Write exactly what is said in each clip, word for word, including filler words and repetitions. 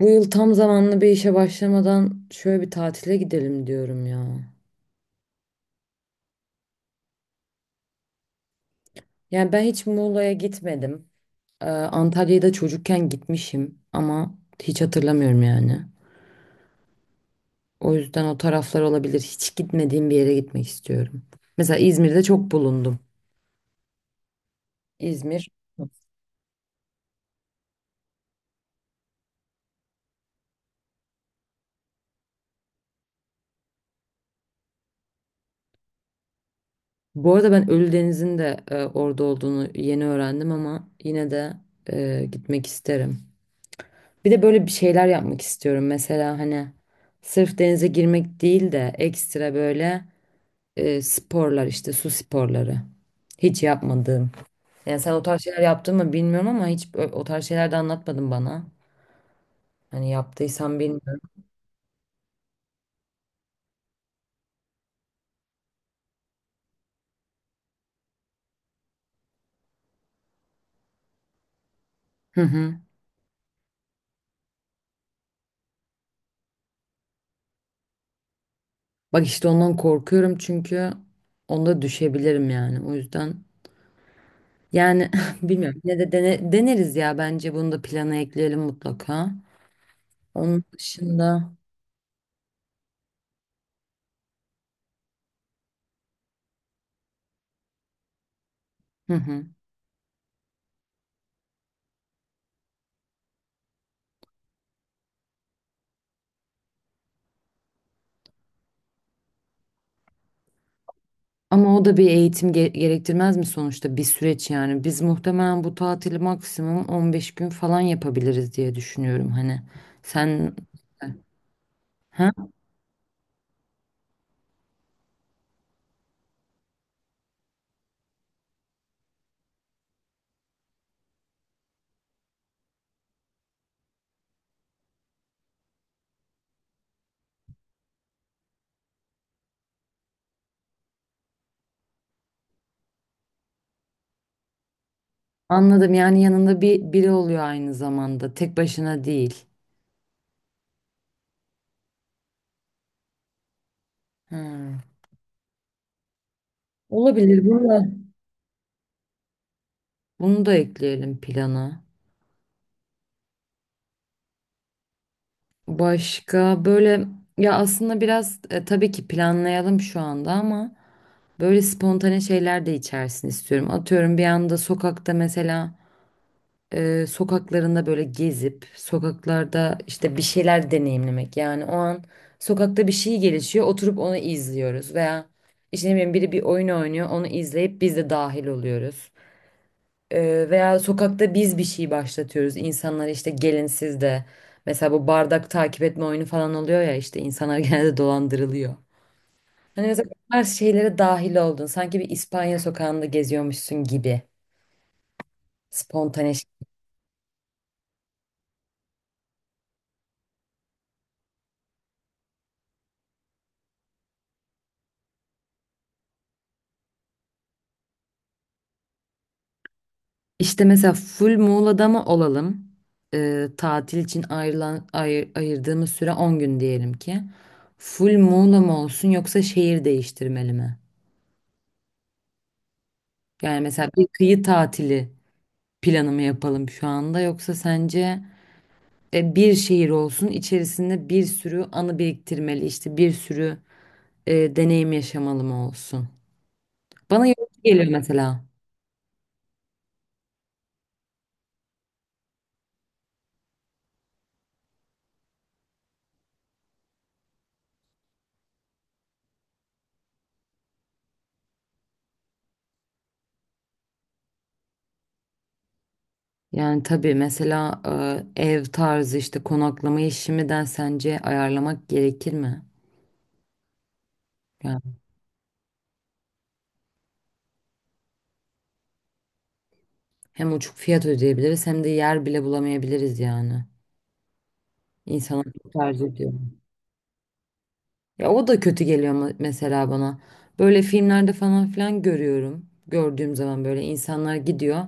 Bu yıl tam zamanlı bir işe başlamadan şöyle bir tatile gidelim diyorum ya. Yani ben hiç Muğla'ya gitmedim. Ee, Antalya'ya da çocukken gitmişim ama hiç hatırlamıyorum yani. O yüzden o taraflar olabilir. Hiç gitmediğim bir yere gitmek istiyorum. Mesela İzmir'de çok bulundum. İzmir. Bu arada ben Ölüdeniz'in de e, orada olduğunu yeni öğrendim ama yine de e, gitmek isterim. Bir de böyle bir şeyler yapmak istiyorum mesela hani sırf denize girmek değil de ekstra böyle e, sporlar işte su sporları. Hiç yapmadığım. Yani sen o tarz şeyler yaptın mı bilmiyorum ama hiç ö- o tarz şeyler de anlatmadın bana. Hani yaptıysan bilmiyorum. Hı hı. Bak işte ondan korkuyorum çünkü onda düşebilirim yani. O yüzden yani bilmiyorum. Yine de dene- deneriz ya bence bunu da plana ekleyelim mutlaka. Onun dışında hı hı. Ama o da bir eğitim ge- gerektirmez mi sonuçta bir süreç yani. Biz muhtemelen bu tatili maksimum on beş gün falan yapabiliriz diye düşünüyorum hani. Sen ha? Anladım yani yanında bir biri oluyor aynı zamanda tek başına değil. Hmm. Olabilir bunu da bunu da ekleyelim plana. Başka böyle ya aslında biraz e, tabii ki planlayalım şu anda ama böyle spontane şeyler de içersin istiyorum. Atıyorum bir anda sokakta mesela e, sokaklarında böyle gezip sokaklarda işte bir şeyler deneyimlemek. Yani o an sokakta bir şey gelişiyor, oturup onu izliyoruz veya işte ne bileyim biri bir oyun oynuyor, onu izleyip biz de dahil oluyoruz. E, veya sokakta biz bir şey başlatıyoruz. İnsanlar işte gelin siz de mesela bu bardak takip etme oyunu falan oluyor ya işte insanlar genelde dolandırılıyor. Hani mesela bu tarz şeylere dahil oldun. Sanki bir İspanya sokağında geziyormuşsun gibi. Spontane. İşte mesela full Muğla'da mı olalım? Ee, tatil için ayrılan ayır- ayırdığımız süre on gün diyelim ki. Full Muğla mı olsun yoksa şehir değiştirmeli mi? Yani mesela bir kıyı tatili planı mı yapalım şu anda yoksa sence e, bir şehir olsun içerisinde bir sürü anı biriktirmeli işte bir sürü e, deneyim yaşamalı mı olsun? Bana yorucu geliyor mesela. Yani tabii mesela e, ev tarzı işte konaklama işimden sence ayarlamak gerekir mi? Yani hem uçuk fiyat ödeyebiliriz hem de yer bile bulamayabiliriz yani. İnsanlar çok tercih ediyor. Ya o da kötü geliyor mu- mesela bana. Böyle filmlerde falan filan görüyorum. Gördüğüm zaman böyle insanlar gidiyor.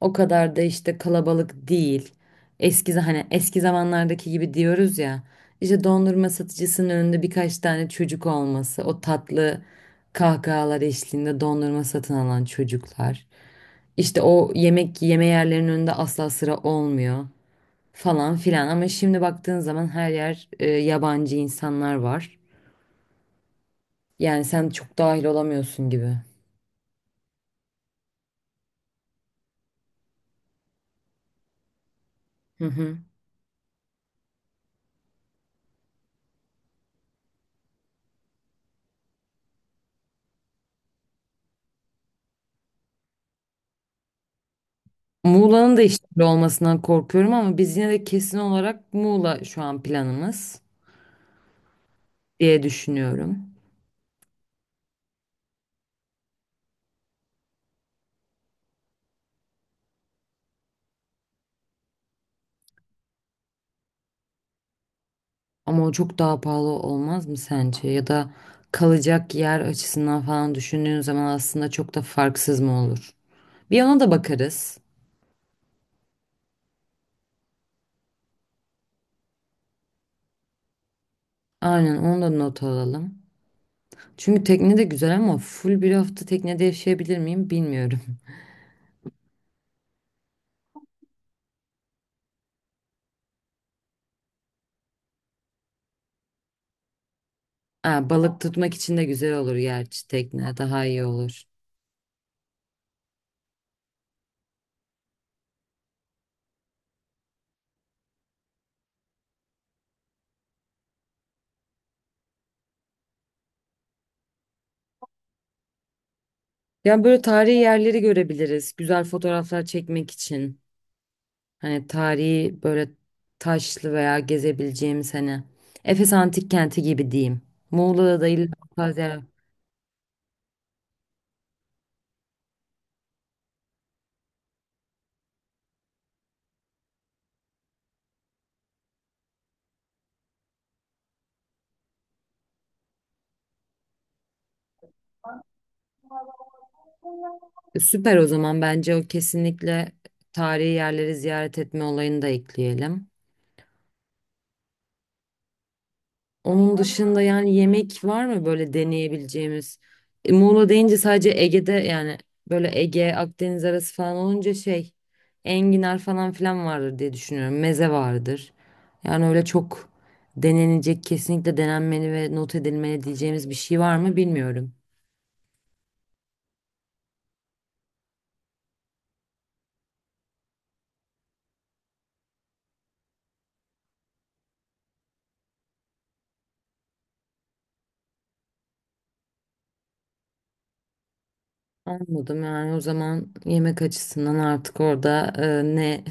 O kadar da işte kalabalık değil. Eski za- hani eski zamanlardaki gibi diyoruz ya. İşte dondurma satıcısının önünde birkaç tane çocuk olması, o tatlı kahkahalar eşliğinde dondurma satın alan çocuklar. İşte o yemek yeme yerlerinin önünde asla sıra olmuyor falan filan. Ama şimdi baktığın zaman her yer e, yabancı insanlar var. Yani sen çok dahil olamıyorsun gibi. Hı hı. Muğla'nın da işleri olmasından korkuyorum ama biz yine de kesin olarak Muğla şu an planımız diye düşünüyorum. Ama o çok daha pahalı olmaz mı sence? Ya da kalacak yer açısından falan düşündüğün zaman aslında çok da farksız mı olur? Bir yana da bakarız. Aynen onu da not alalım. Çünkü tekne de güzel ama full bir hafta teknede yaşayabilir miyim bilmiyorum. Ha, balık tutmak için de güzel olur gerçi tekne daha iyi olur. Ya böyle tarihi yerleri görebiliriz. Güzel fotoğraflar çekmek için. Hani tarihi böyle taşlı veya gezebileceğimiz hani Efes Antik Kenti gibi diyeyim. Muğla'da da illa fazla yer- var. E, Süper, o zaman bence o kesinlikle tarihi yerleri ziyaret etme olayını da ekleyelim. Onun dışında yani yemek var mı böyle deneyebileceğimiz? E, Muğla deyince sadece Ege'de yani böyle Ege, Akdeniz arası falan olunca şey enginar falan filan vardır diye düşünüyorum. Meze vardır. Yani öyle çok denenecek, kesinlikle denenmeli ve not edilmeli diyeceğimiz bir şey var mı bilmiyorum. Anladım, yani o zaman yemek açısından artık orada e, ne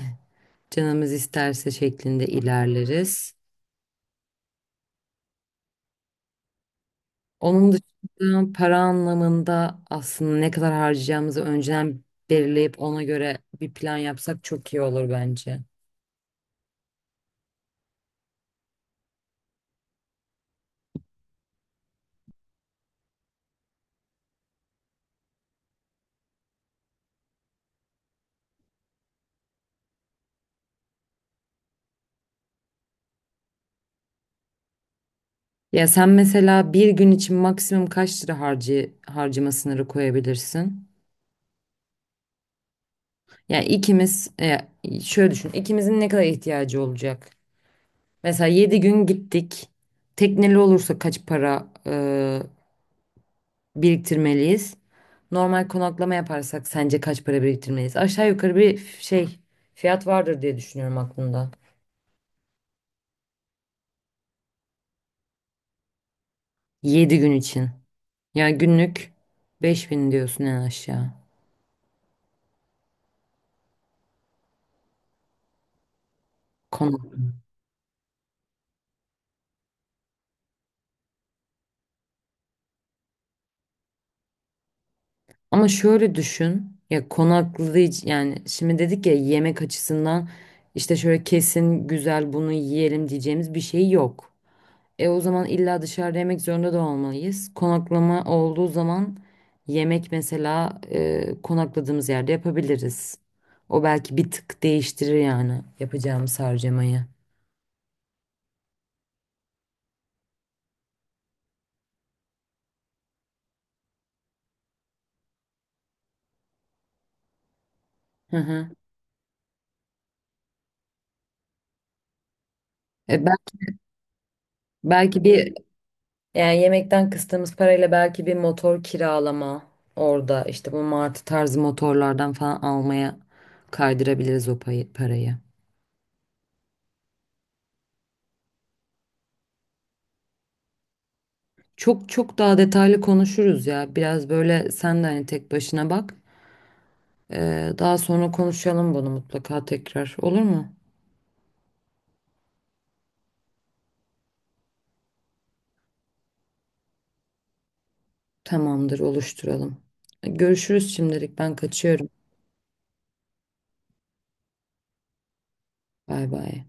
canımız isterse şeklinde ilerleriz. Onun dışında para anlamında aslında ne kadar harcayacağımızı önceden belirleyip ona göre bir plan yapsak çok iyi olur bence. Ya sen mesela bir gün için maksimum kaç lira harcı, harcama sınırı koyabilirsin? Yani ikimiz e, şöyle düşün ikimizin ne kadar ihtiyacı olacak? Mesela yedi gün gittik. Tekneli olursa kaç para e, biriktirmeliyiz? Normal konaklama yaparsak sence kaç para biriktirmeliyiz? Aşağı yukarı bir f- şey fiyat vardır diye düşünüyorum aklımda. Yedi gün için. Yani günlük beş bin diyorsun en aşağı. Konak. Ama şöyle düşün. Ya konaklayıcı yani şimdi dedik ya yemek açısından işte şöyle kesin güzel bunu yiyelim diyeceğimiz bir şey yok. E o zaman illa dışarıda yemek zorunda da olmalıyız. Konaklama olduğu zaman yemek mesela e, konakladığımız yerde yapabiliriz. O belki bir tık değiştirir yani yapacağımız harcamayı. Hı hı. E, bel- Belki bir yani yemekten kıstığımız parayla belki bir motor kiralama orada işte bu martı tarzı motorlardan falan almaya kaydırabiliriz o payı- parayı. Çok çok daha detaylı konuşuruz ya. Biraz böyle sen de hani tek başına bak. Ee, daha sonra konuşalım bunu mutlaka tekrar. Olur mu? Tamamdır, oluşturalım. Görüşürüz şimdilik. Ben kaçıyorum. Bay bay.